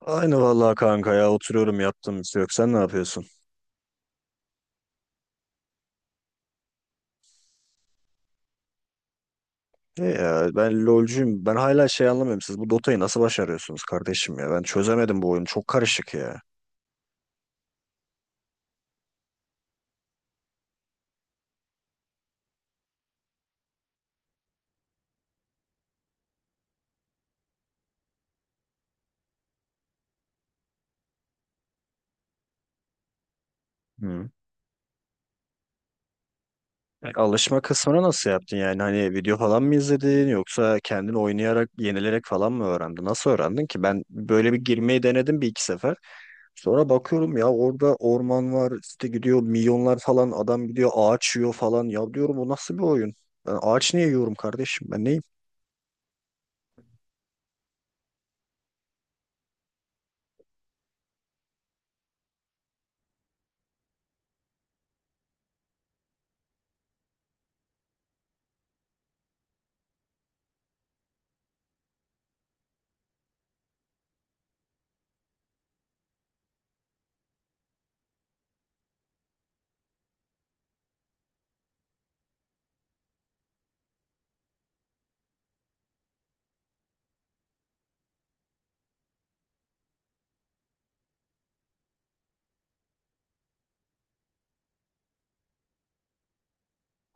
Aynı vallahi kanka ya oturuyorum yaptığım bir şey yok. Sen ne yapıyorsun? E ya ben LoL'cuyum. Ben hala şey anlamıyorum. Siz bu Dota'yı nasıl başarıyorsunuz kardeşim ya? Ben çözemedim bu oyunu. Çok karışık ya. Hı. E, alışma kısmını nasıl yaptın yani? Hani video falan mı izledin yoksa kendin oynayarak, yenilerek falan mı öğrendin? Nasıl öğrendin ki? Ben böyle bir girmeyi denedim bir iki sefer. Sonra bakıyorum ya orada orman var işte gidiyor milyonlar falan adam gidiyor ağaç yiyor falan ya diyorum bu nasıl bir oyun? Ben ağaç niye yiyorum kardeşim ben neyim?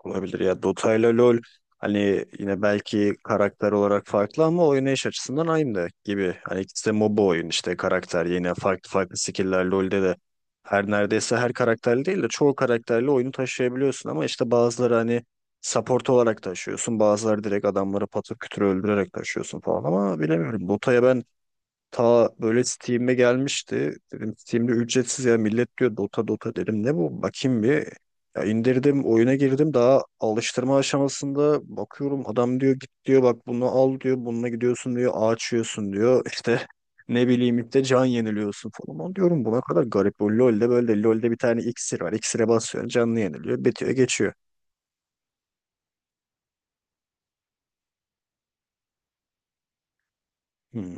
Olabilir ya. Dota ile LoL hani yine belki karakter olarak farklı ama oynayış açısından aynı gibi. Hani ikisi de MOBA oyun işte karakter yine farklı farklı skill'ler LoL'de de her neredeyse her karakterli değil de çoğu karakterle oyunu taşıyabiliyorsun ama işte bazıları hani support olarak taşıyorsun. Bazıları direkt adamları patır kütür öldürerek taşıyorsun falan ama bilemiyorum. Dota'ya ben ta böyle Steam'e gelmişti. Dedim Steam'de ücretsiz ya millet diyor Dota Dota dedim ne bu bakayım bir. Ya indirdim oyuna girdim daha alıştırma aşamasında bakıyorum adam diyor git diyor bak bunu al diyor bununla gidiyorsun diyor ağaç yiyorsun diyor işte ne bileyim işte can yeniliyorsun falan. Ama diyorum buna kadar garip bu LoL'de böyle LoL'de bir tane iksir var iksire basıyorsun canlı yeniliyor bitiyor geçiyor. Hmm.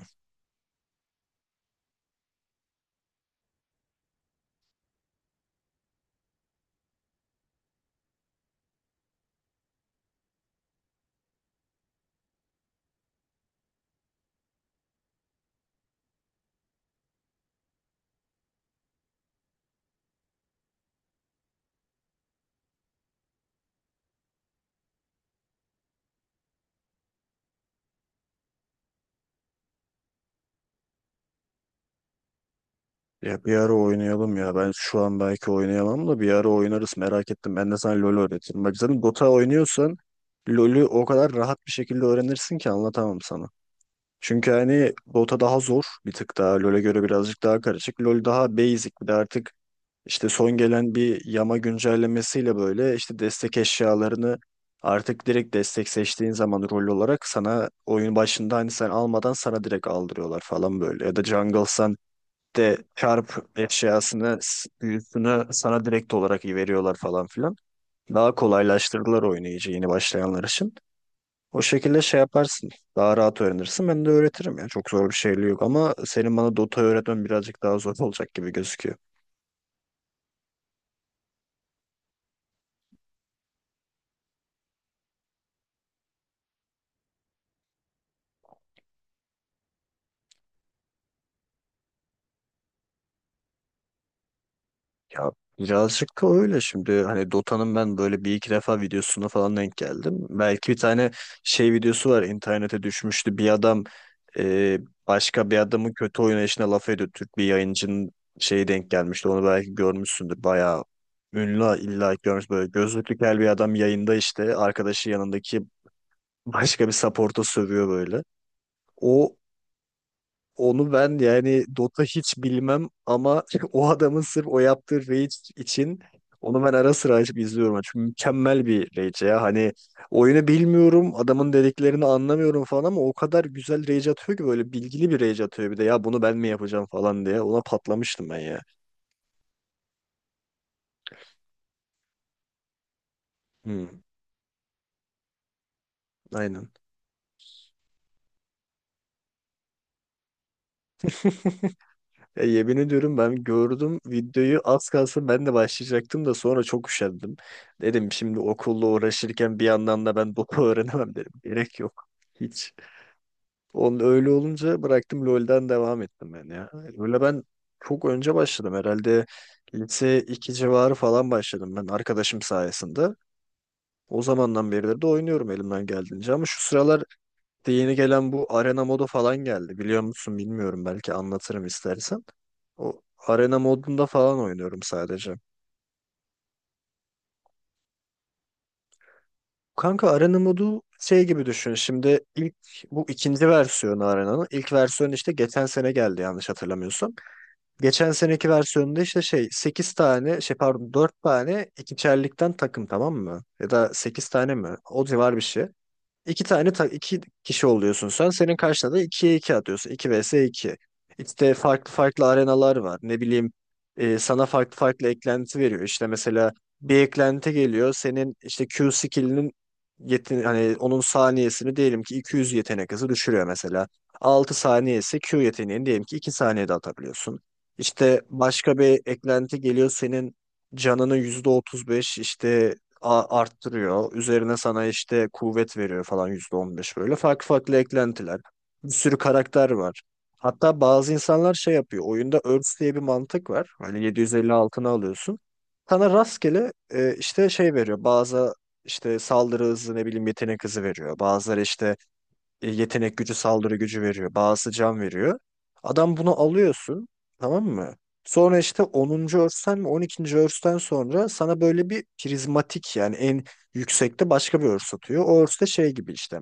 Ya bir ara oynayalım ya. Ben şu an belki oynayamam da bir ara oynarız merak ettim. Ben de sana LoL öğretirim. Bak zaten Dota oynuyorsan LoL'ü o kadar rahat bir şekilde öğrenirsin ki anlatamam sana. Çünkü hani Dota daha zor bir tık daha. LoL'e göre birazcık daha karışık. LoL daha basic bir de artık işte son gelen bir yama güncellemesiyle böyle işte destek eşyalarını artık direkt destek seçtiğin zaman rol olarak sana oyun başında hani sen almadan sana direkt aldırıyorlar falan böyle. Ya da jungle'san de çarp eşyasını, büyüsünü sana direkt olarak veriyorlar falan filan. Daha kolaylaştırdılar oyunu iyice yeni başlayanlar için. O şekilde şey yaparsın. Daha rahat öğrenirsin. Ben de öğretirim ya. Çok zor bir şey yok ama senin bana Dota öğretmen birazcık daha zor olacak gibi gözüküyor. Ya birazcık da öyle şimdi hani Dota'nın ben böyle bir iki defa videosuna falan denk geldim. Belki bir tane şey videosu var internete düşmüştü bir adam e, başka bir adamın kötü oynayışına laf ediyor. Türk bir yayıncının şeyi denk gelmişti onu belki görmüşsündür bayağı ünlü illa ki görmüş böyle gözlüklü kel bir adam yayında işte arkadaşı yanındaki başka bir support'a sövüyor böyle. O onu ben yani Dota hiç bilmem ama o adamın sırf o yaptığı raid için onu ben ara sıra açıp izliyorum. Çünkü mükemmel bir rage ya. Hani oyunu bilmiyorum, adamın dediklerini anlamıyorum falan ama o kadar güzel rage atıyor ki böyle bilgili bir rage atıyor bir de ya bunu ben mi yapacağım falan diye. Ona patlamıştım ben ya. Hmm, aynen. Ya yemin ediyorum ben gördüm videoyu az kalsın ben de başlayacaktım da sonra çok üşendim. Dedim şimdi okulla uğraşırken bir yandan da ben Dota öğrenemem dedim. Gerek yok. Hiç. Onun öyle olunca bıraktım LoL'den devam ettim ben ya. Öyle ben çok önce başladım herhalde lise 2 civarı falan başladım ben arkadaşım sayesinde. O zamandan beridir de oynuyorum elimden geldiğince ama şu sıralar de yeni gelen bu arena modu falan geldi. Biliyor musun bilmiyorum belki anlatırım istersen. O arena modunda falan oynuyorum sadece. Kanka arena modu şey gibi düşün. Şimdi ilk bu ikinci versiyonu arenanın. İlk versiyon işte geçen sene geldi yanlış hatırlamıyorsam. Geçen seneki versiyonunda işte şey 8 tane şey pardon 4 tane ikiçerlikten takım tamam mı? Ya da 8 tane mi? O civar bir şey. İki tane iki kişi oluyorsun sen. Senin karşına da 2'ye 2 atıyorsun. İki vs 2. İşte farklı farklı arenalar var. Ne bileyim sana farklı farklı eklenti veriyor. İşte mesela bir eklenti geliyor. Senin işte Q skill'inin yetin hani onun saniyesini diyelim ki 200 yetenek hızı düşürüyor mesela. 6 saniyesi Q yeteneğini diyelim ki 2 saniyede atabiliyorsun. İşte başka bir eklenti geliyor senin canının %35 işte arttırıyor. Üzerine sana işte kuvvet veriyor falan %15 böyle. Farklı farklı eklentiler. Bir sürü karakter var. Hatta bazı insanlar şey yapıyor. Oyunda Earth diye bir mantık var. Hani 750 altını alıyorsun. Sana rastgele işte şey veriyor. Bazı işte saldırı hızı ne bileyim yetenek hızı veriyor. Bazıları işte yetenek gücü, saldırı gücü veriyor. Bazısı can veriyor. Adam bunu alıyorsun, tamam mı? Sonra işte 10'uncu örsten mi 12'nci örsten sonra sana böyle bir prizmatik yani en yüksekte başka bir örs atıyor. O örs de şey gibi işte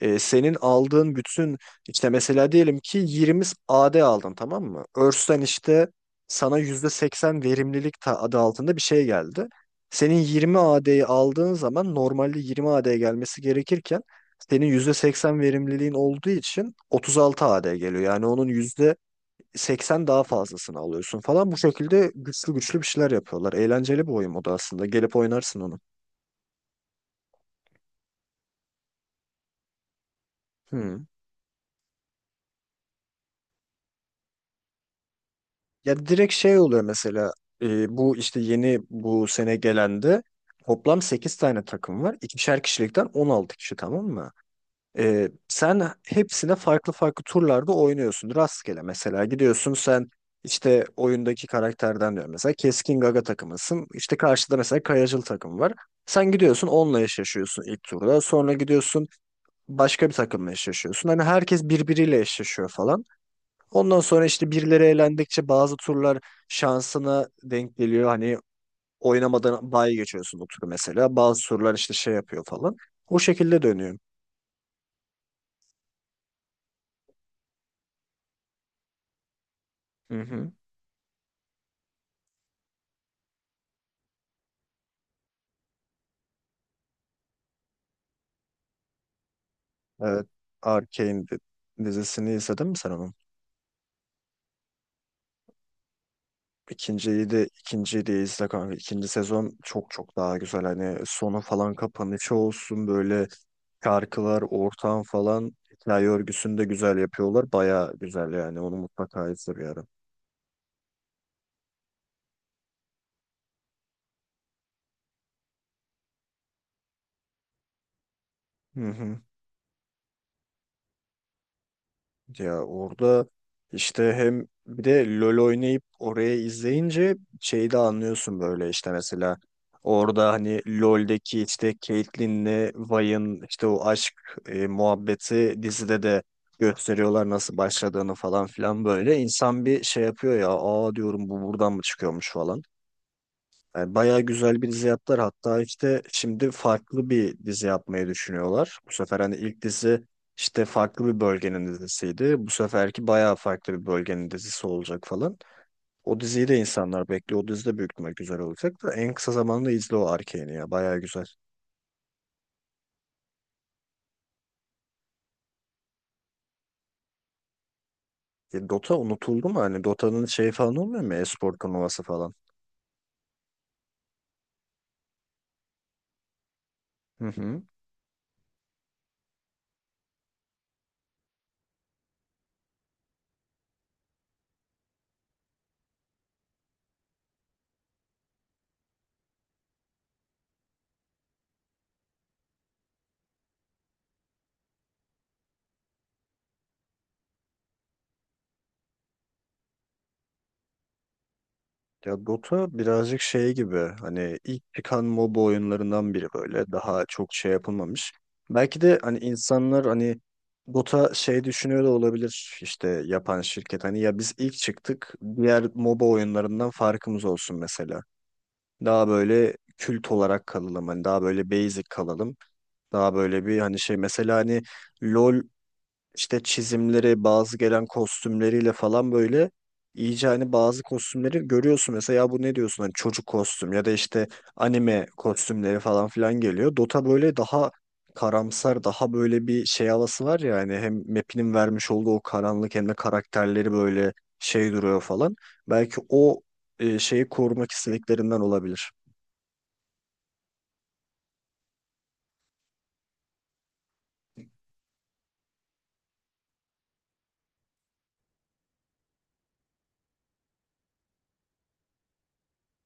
senin aldığın bütün işte mesela diyelim ki 20 AD aldın tamam mı? Örsten işte sana %80 verimlilik adı altında bir şey geldi. Senin 20 AD'yi aldığın zaman normalde 20 AD gelmesi gerekirken senin %80 verimliliğin olduğu için 36 AD geliyor. Yani onun %80 daha fazlasını alıyorsun falan. Bu şekilde güçlü güçlü bir şeyler yapıyorlar. Eğlenceli bir oyun o da aslında. Gelip oynarsın onu. Hmm. Ya direkt şey oluyor mesela bu işte yeni bu sene gelende toplam 8 tane takım var. İkişer kişilikten 16 kişi tamam mı? E, sen hepsine farklı farklı turlarda oynuyorsun. Rastgele mesela gidiyorsun sen işte oyundaki karakterden diyorum mesela Keskin Gaga takımısın. İşte karşıda mesela Kayacıl takım var. Sen gidiyorsun onunla eşleşiyorsun ilk turda. Sonra gidiyorsun başka bir takımla eşleşiyorsun. Hani herkes birbiriyle eşleşiyor falan. Ondan sonra işte birileri elendikçe bazı turlar şansına denk geliyor. Hani oynamadan bay geçiyorsun o turu mesela. Bazı turlar işte şey yapıyor falan. O şekilde dönüyor. Hı hı. Evet. Arcane dizisini izledin mi sen onun? İkinciyi de ikinciyi de izle kanka. İkinci sezon çok çok daha güzel. Hani sonu falan kapanışı olsun böyle şarkılar, ortam falan hikaye örgüsünü de güzel yapıyorlar. Baya güzel yani. Onu mutlaka izle bir ara. Hı hı. Ya orada işte hem bir de LoL oynayıp oraya izleyince şeyi de anlıyorsun böyle işte mesela orada hani LoL'deki işte Caitlyn'le Vayne'ın işte o aşk muhabbeti dizide de gösteriyorlar nasıl başladığını falan filan böyle insan bir şey yapıyor ya aa diyorum bu buradan mı çıkıyormuş falan. Yani bayağı güzel bir dizi yaptılar. Hatta işte şimdi farklı bir dizi yapmayı düşünüyorlar. Bu sefer hani ilk dizi işte farklı bir bölgenin dizisiydi. Bu seferki bayağı farklı bir bölgenin dizisi olacak falan. O diziyi de insanlar bekliyor. O dizi de büyük ihtimal güzel olacak da en kısa zamanda izle o Arcane'i ya. Bayağı güzel. E, Dota unutuldu mu? Hani Dota'nın şeyi falan olmuyor mu? E-spor turnuvası falan. Hı hı. Ya Dota birazcık şey gibi hani ilk çıkan MOBA oyunlarından biri böyle daha çok şey yapılmamış. Belki de hani insanlar hani Dota şey düşünüyor da olabilir işte yapan şirket hani ya biz ilk çıktık diğer MOBA oyunlarından farkımız olsun mesela. Daha böyle kült olarak kalalım hani daha böyle basic kalalım. Daha böyle bir hani şey mesela hani LoL işte çizimleri, bazı gelen kostümleriyle falan böyle iyice hani bazı kostümleri görüyorsun mesela ya bu ne diyorsun hani çocuk kostüm ya da işte anime kostümleri falan filan geliyor. Dota böyle daha karamsar, daha böyle bir şey havası var ya hani hem map'inin vermiş olduğu o karanlık hem de karakterleri böyle şey duruyor falan. Belki o şeyi korumak istediklerinden olabilir.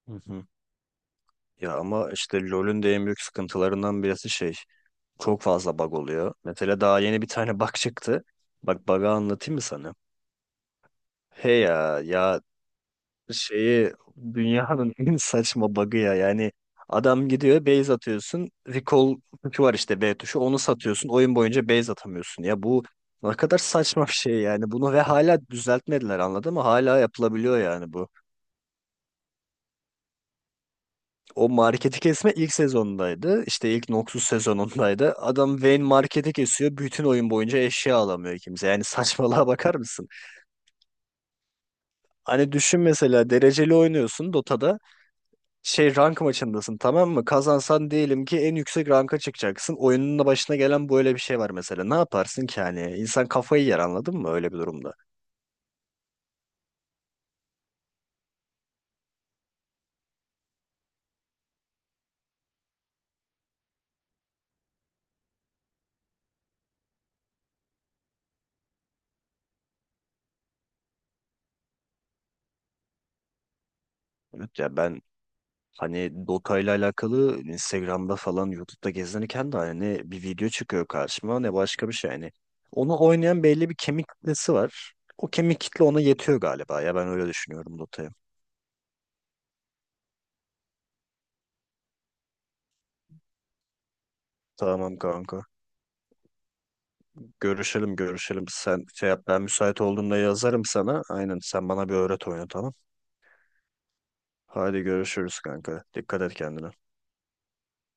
Hı hı. Ya ama işte LoL'ün de en büyük sıkıntılarından birisi şey. Çok fazla bug oluyor. Mesela daha yeni bir tane bug çıktı. Bak bug'ı anlatayım mı sana? He ya ya şeyi dünyanın en saçma bug'ı ya. Yani adam gidiyor base atıyorsun. Recall tuşu var işte B tuşu. Onu satıyorsun. Oyun boyunca base atamıyorsun. Ya bu ne kadar saçma bir şey yani. Bunu ve hala düzeltmediler anladın mı? Hala yapılabiliyor yani bu. O marketi kesme ilk sezondaydı. İşte ilk Noxus sezonundaydı. Adam Vayne marketi kesiyor. Bütün oyun boyunca eşya alamıyor kimse. Yani saçmalığa bakar mısın? Hani düşün mesela dereceli oynuyorsun Dota'da. Şey rank maçındasın tamam mı? Kazansan diyelim ki en yüksek ranka çıkacaksın. Oyunun da başına gelen böyle bir şey var mesela. Ne yaparsın ki hani? İnsan kafayı yer anladın mı öyle bir durumda? Evet, ya ben hani Dota ile alakalı hani Instagram'da falan YouTube'da gezinirken de hani bir video çıkıyor karşıma ne başka bir şey hani. Onu oynayan belli bir kemik kitlesi var. O kemik kitle ona yetiyor galiba ya ben öyle düşünüyorum Dota'yı. Tamam kanka. Görüşelim görüşelim. Sen şey yap ben müsait olduğumda yazarım sana. Aynen sen bana bir öğret oyunu tamam. Hadi görüşürüz kanka. Dikkat et kendine.